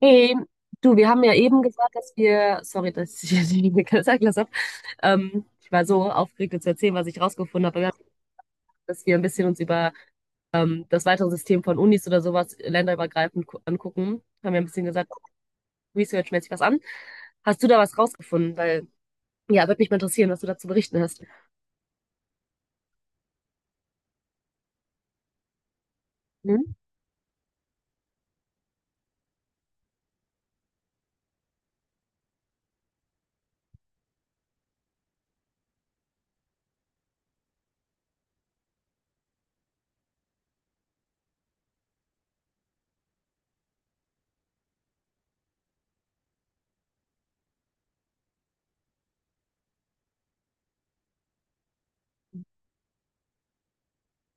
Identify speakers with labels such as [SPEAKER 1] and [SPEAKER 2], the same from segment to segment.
[SPEAKER 1] Hey, du, wir haben ja eben gesagt, dass wir, sorry, dass ich jetzt nicht Zeit gelassen habe. Ich war so aufgeregt, dir zu erzählen, was ich rausgefunden habe, aber wir haben gesagt, dass wir ein bisschen uns über das weitere System von Unis oder sowas länderübergreifend angucken. Haben wir ein bisschen gesagt, guck researchmäßig was an. Hast du da was rausgefunden? Weil, ja, würde mich mal interessieren, was du dazu berichten hast. Hm?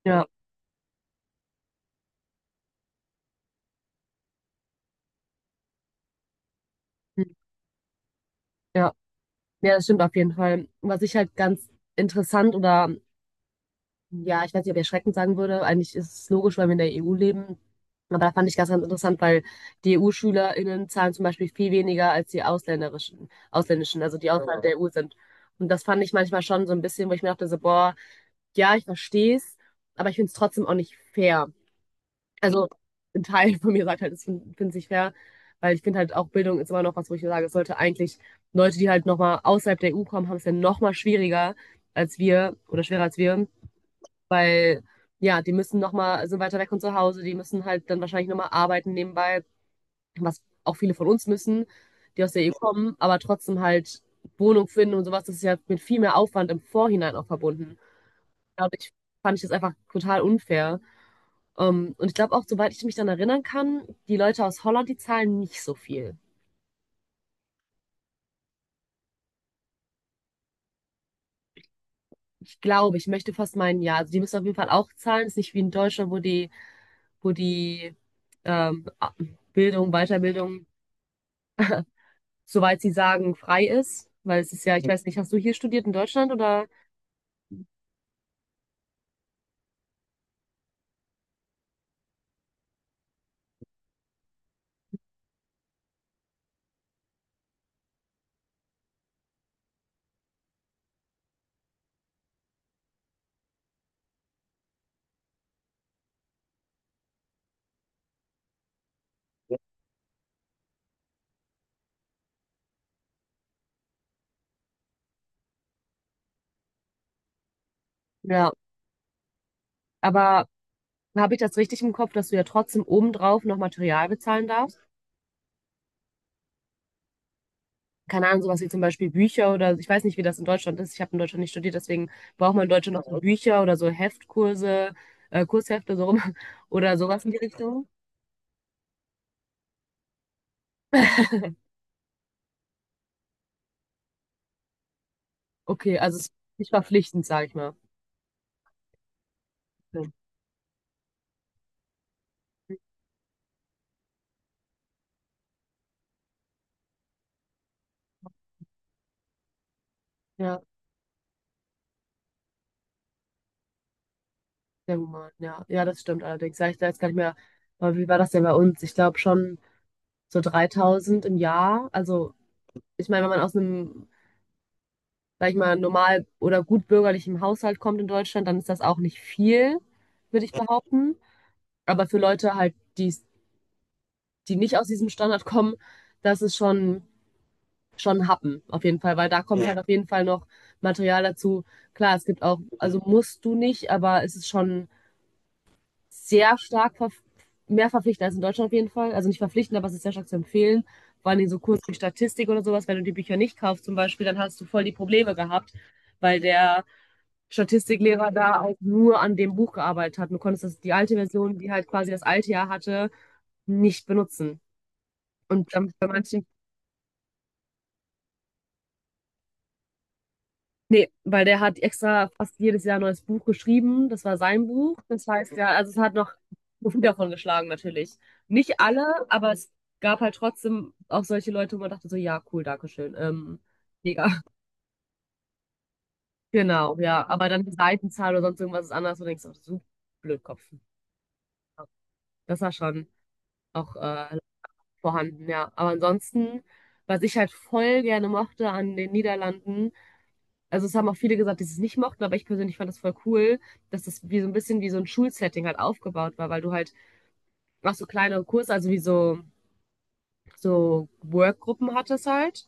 [SPEAKER 1] Ja, hm, ja, ja, das stimmt auf jeden Fall. Was ich halt ganz interessant oder, ja, ich weiß nicht, ob ich erschreckend sagen würde. Eigentlich ist es logisch, weil wir in der EU leben. Aber da fand ich ganz, ganz interessant, weil die EU-SchülerInnen zahlen zum Beispiel viel weniger als die ausländerischen, ausländischen, also die außerhalb, ja, der EU sind. Und das fand ich manchmal schon so ein bisschen, wo ich mir dachte, so, boah, ja, ich verstehe es, aber ich finde es trotzdem auch nicht fair. Also ein Teil von mir sagt halt, es finde es nicht fair, weil ich finde halt auch Bildung ist immer noch was, wo ich sage, es sollte eigentlich Leute, die halt nochmal außerhalb der EU kommen, haben es ja nochmal schwieriger als wir oder schwerer als wir, weil, ja, die müssen nochmal, sind weiter weg von zu Hause, die müssen halt dann wahrscheinlich nochmal arbeiten nebenbei, was auch viele von uns müssen, die aus der EU kommen, aber trotzdem halt Wohnung finden und sowas, das ist ja mit viel mehr Aufwand im Vorhinein auch verbunden. Dadurch fand ich das einfach total unfair. Und ich glaube auch, soweit ich mich dann erinnern kann, die Leute aus Holland, die zahlen nicht so viel. Ich glaube, ich möchte fast meinen, ja, also die müssen auf jeden Fall auch zahlen. Ist nicht wie in Deutschland, wo die ähm, Bildung, Weiterbildung, soweit sie sagen, frei ist. Weil es ist ja, ich weiß nicht, hast du hier studiert in Deutschland oder? Ja, aber habe ich das richtig im Kopf, dass du ja trotzdem obendrauf noch Material bezahlen darfst? Keine Ahnung, sowas wie zum Beispiel Bücher oder ich weiß nicht, wie das in Deutschland ist. Ich habe in Deutschland nicht studiert, deswegen braucht man in Deutschland noch so Bücher oder so Heftkurse, Kurshefte so rum oder sowas in die Richtung. Okay, also es ist nicht verpflichtend, sage ich mal. Okay. Ja, sehr human. Ja, ja, das stimmt allerdings. Sag ich da jetzt gar nicht mehr, aber wie war das denn bei uns? Ich glaube schon so 3.000 im Jahr, also ich meine, wenn man aus einem, sag ich mal, normal oder gut bürgerlichen Haushalt kommt in Deutschland, dann ist das auch nicht viel, würde ich behaupten. Aber für Leute halt, die, die nicht aus diesem Standard kommen, das ist schon, schon ein Happen, auf jeden Fall, weil da kommt, ja, halt auf jeden Fall noch Material dazu. Klar, es gibt auch, also musst du nicht, aber es ist schon sehr stark ver mehr verpflichtend als in Deutschland auf jeden Fall. Also nicht verpflichtend, aber es ist sehr stark zu empfehlen. Vor allem so Kurse wie Statistik oder sowas. Wenn du die Bücher nicht kaufst zum Beispiel, dann hast du voll die Probleme gehabt, weil der Statistiklehrer da auch nur an dem Buch gearbeitet hat. Du konntest das, die alte Version, die halt quasi das alte Jahr hatte, nicht benutzen. Und dann bei manchen, nee, weil der hat extra fast jedes Jahr ein neues Buch geschrieben. Das war sein Buch. Das heißt, ja, also es hat noch Profit davon geschlagen, natürlich. Nicht alle, aber es gab halt trotzdem auch solche Leute, wo man dachte so, ja, cool, Dankeschön. Mega. Genau, ja. Aber dann die Seitenzahl oder sonst irgendwas ist anders und denkst auch, so Blödkopf. Das war schon auch vorhanden, ja. Aber ansonsten, was ich halt voll gerne mochte an den Niederlanden, also es haben auch viele gesagt, die es nicht mochten, aber ich persönlich fand das voll cool, dass das wie so ein bisschen wie so ein Schulsetting halt aufgebaut war, weil du halt auch so kleine Kurse, also wie so, so Workgruppen hattest halt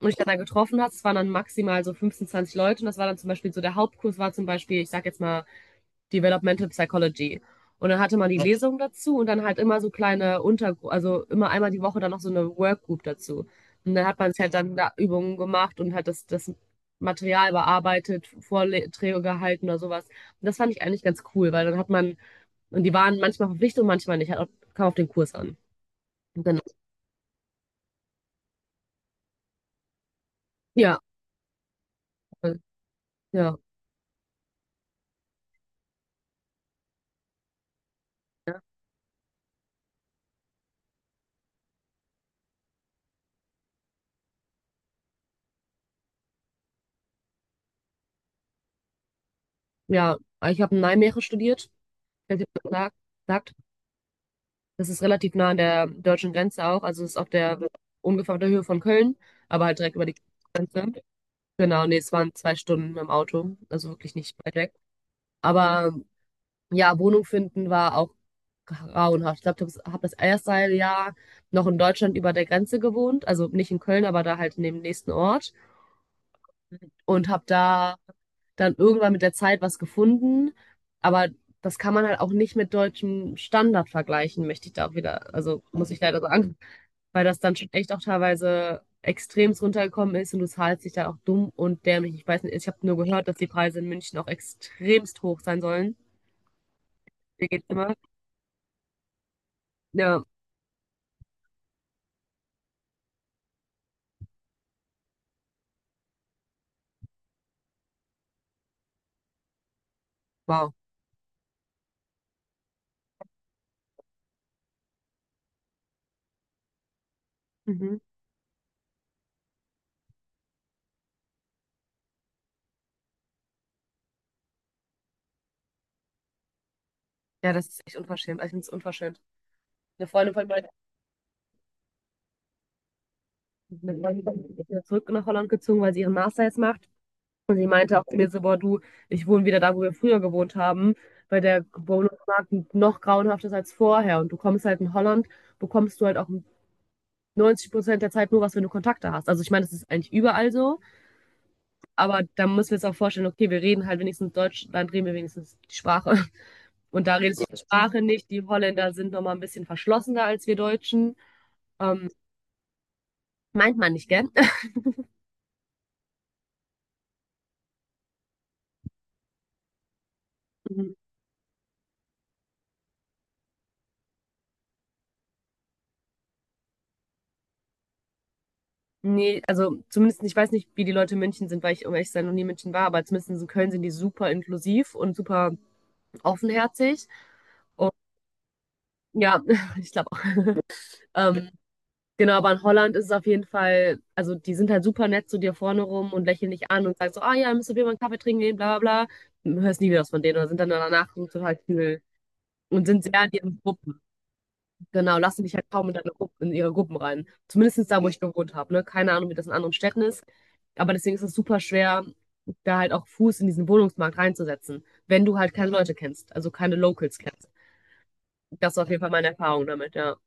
[SPEAKER 1] und ich dann da getroffen hast, es waren dann maximal so 15, 20 Leute und das war dann zum Beispiel so, der Hauptkurs war zum Beispiel, ich sag jetzt mal Developmental Psychology. Und dann hatte man die Lesung dazu und dann halt immer so kleine Untergruppen, also immer einmal die Woche dann noch so eine Workgroup dazu. Und dann hat man halt dann da Übungen gemacht und hat das, das Material bearbeitet, Vorträge gehalten oder sowas. Und das fand ich eigentlich ganz cool, weil dann hat man, und die waren manchmal verpflichtet und manchmal nicht, hat auch, kam auf den Kurs an. Genau. Ja, ja, ja. Ja, ich habe in Nijmegen studiert, falls ihr das sagt. Das ist relativ nah an der deutschen Grenze auch. Also es ist auf der ungefähr auf der Höhe von Köln, aber halt direkt über die Grenze. Genau, nee, es waren 2 Stunden im Auto, also wirklich nicht weit weg. Aber ja, Wohnung finden war auch grauenhaft. Ich glaube, ich habe das erste halbe Jahr noch in Deutschland über der Grenze gewohnt, also nicht in Köln, aber da halt in dem nächsten Ort und habe da dann irgendwann mit der Zeit was gefunden, aber das kann man halt auch nicht mit deutschem Standard vergleichen, möchte ich da auch wieder, also muss ich leider sagen. Weil das dann schon echt auch teilweise extremst runtergekommen ist und du zahlst dich dann auch dumm und dämlich. Ich weiß nicht, ich habe nur gehört, dass die Preise in München auch extremst hoch sein sollen. Hier geht immer. Ja, wow. Mhm. Ja, das ist echt unverschämt. Also ich finde es unverschämt. Eine Freundin von mir ist wieder zurück nach Holland gezogen, weil sie ihren Master jetzt macht. Und sie meinte auch zu mir so, boah, du, ich wohne wieder da, wo wir früher gewohnt haben, weil der Wohnungsmarkt noch grauenhafter ist als vorher. Und du kommst halt in Holland, bekommst du halt auch 90% der Zeit nur was, wenn du Kontakte hast. Also ich meine, das ist eigentlich überall so, aber da müssen wir uns auch vorstellen, okay, wir reden halt wenigstens Deutsch, dann reden wir wenigstens die Sprache. Und da redest du die Sprache nicht. Die Holländer sind nochmal ein bisschen verschlossener als wir Deutschen. Ähm, meint man nicht, gell? Nee, also zumindest, ich weiß nicht, wie die Leute in München sind, weil ich, um ehrlich zu sein, noch nie in München war, aber zumindest in Köln sind die super inklusiv und super offenherzig. Und ja, ich glaube auch. Ähm, Genau, aber in Holland ist es auf jeden Fall, also die sind halt super nett zu dir vorne rum und lächeln dich an und sagen so, ah ja, müsst ihr mal einen Kaffee trinken gehen, bla bla bla. Hörst nie wieder was von denen oder sind dann danach so total kühl und sind sehr in ihren Gruppen. Genau, lassen dich halt kaum in deine Gruppen, in ihre Gruppen rein. Zumindest da, wo ich gewohnt habe, ne? Keine Ahnung, wie das in anderen Städten ist. Aber deswegen ist es super schwer, da halt auch Fuß in diesen Wohnungsmarkt reinzusetzen, wenn du halt keine Leute kennst, also keine Locals kennst. Das war auf jeden Fall meine Erfahrung damit, ja.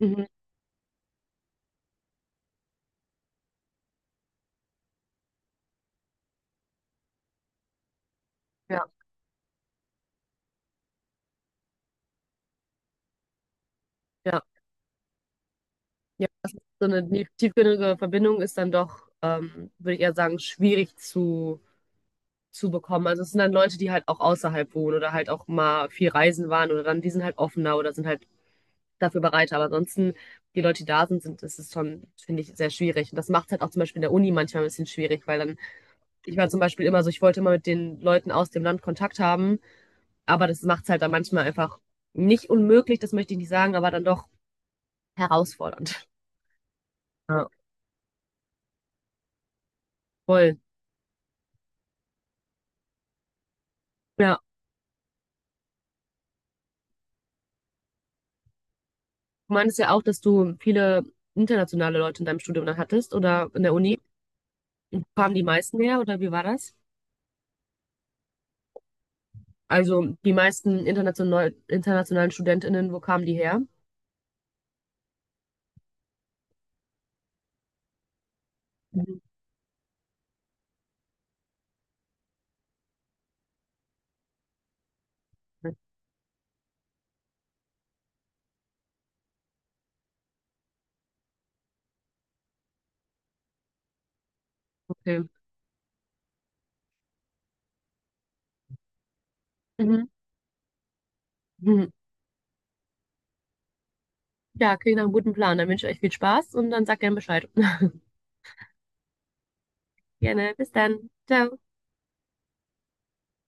[SPEAKER 1] Mhm. Ja, ja. Ja, das ist so eine tiefgründige Verbindung ist dann doch, würde ich eher sagen, schwierig zu bekommen. Also es sind dann Leute, die halt auch außerhalb wohnen oder halt auch mal viel reisen waren oder dann, die sind halt offener oder sind halt dafür bereit. Aber ansonsten, die Leute, die da sind, sind, ist es schon, finde ich, sehr schwierig. Und das macht es halt auch zum Beispiel in der Uni manchmal ein bisschen schwierig, weil dann, ich war zum Beispiel immer so, ich wollte immer mit den Leuten aus dem Land Kontakt haben, aber das macht es halt dann manchmal einfach nicht unmöglich, das möchte ich nicht sagen, aber dann doch herausfordernd. Ja, voll. Ja. Du meintest ja auch, dass du viele internationale Leute in deinem Studium dann hattest oder in der Uni. Kamen die meisten her oder wie war das? Also die meisten internationalen StudentInnen, wo kamen die her? Mhm. Okay. Mhm. Mhm. Ja, klingt nach einem guten Plan. Dann wünsche ich euch viel Spaß und dann sag gerne Bescheid. Gerne, bis dann. Ciao.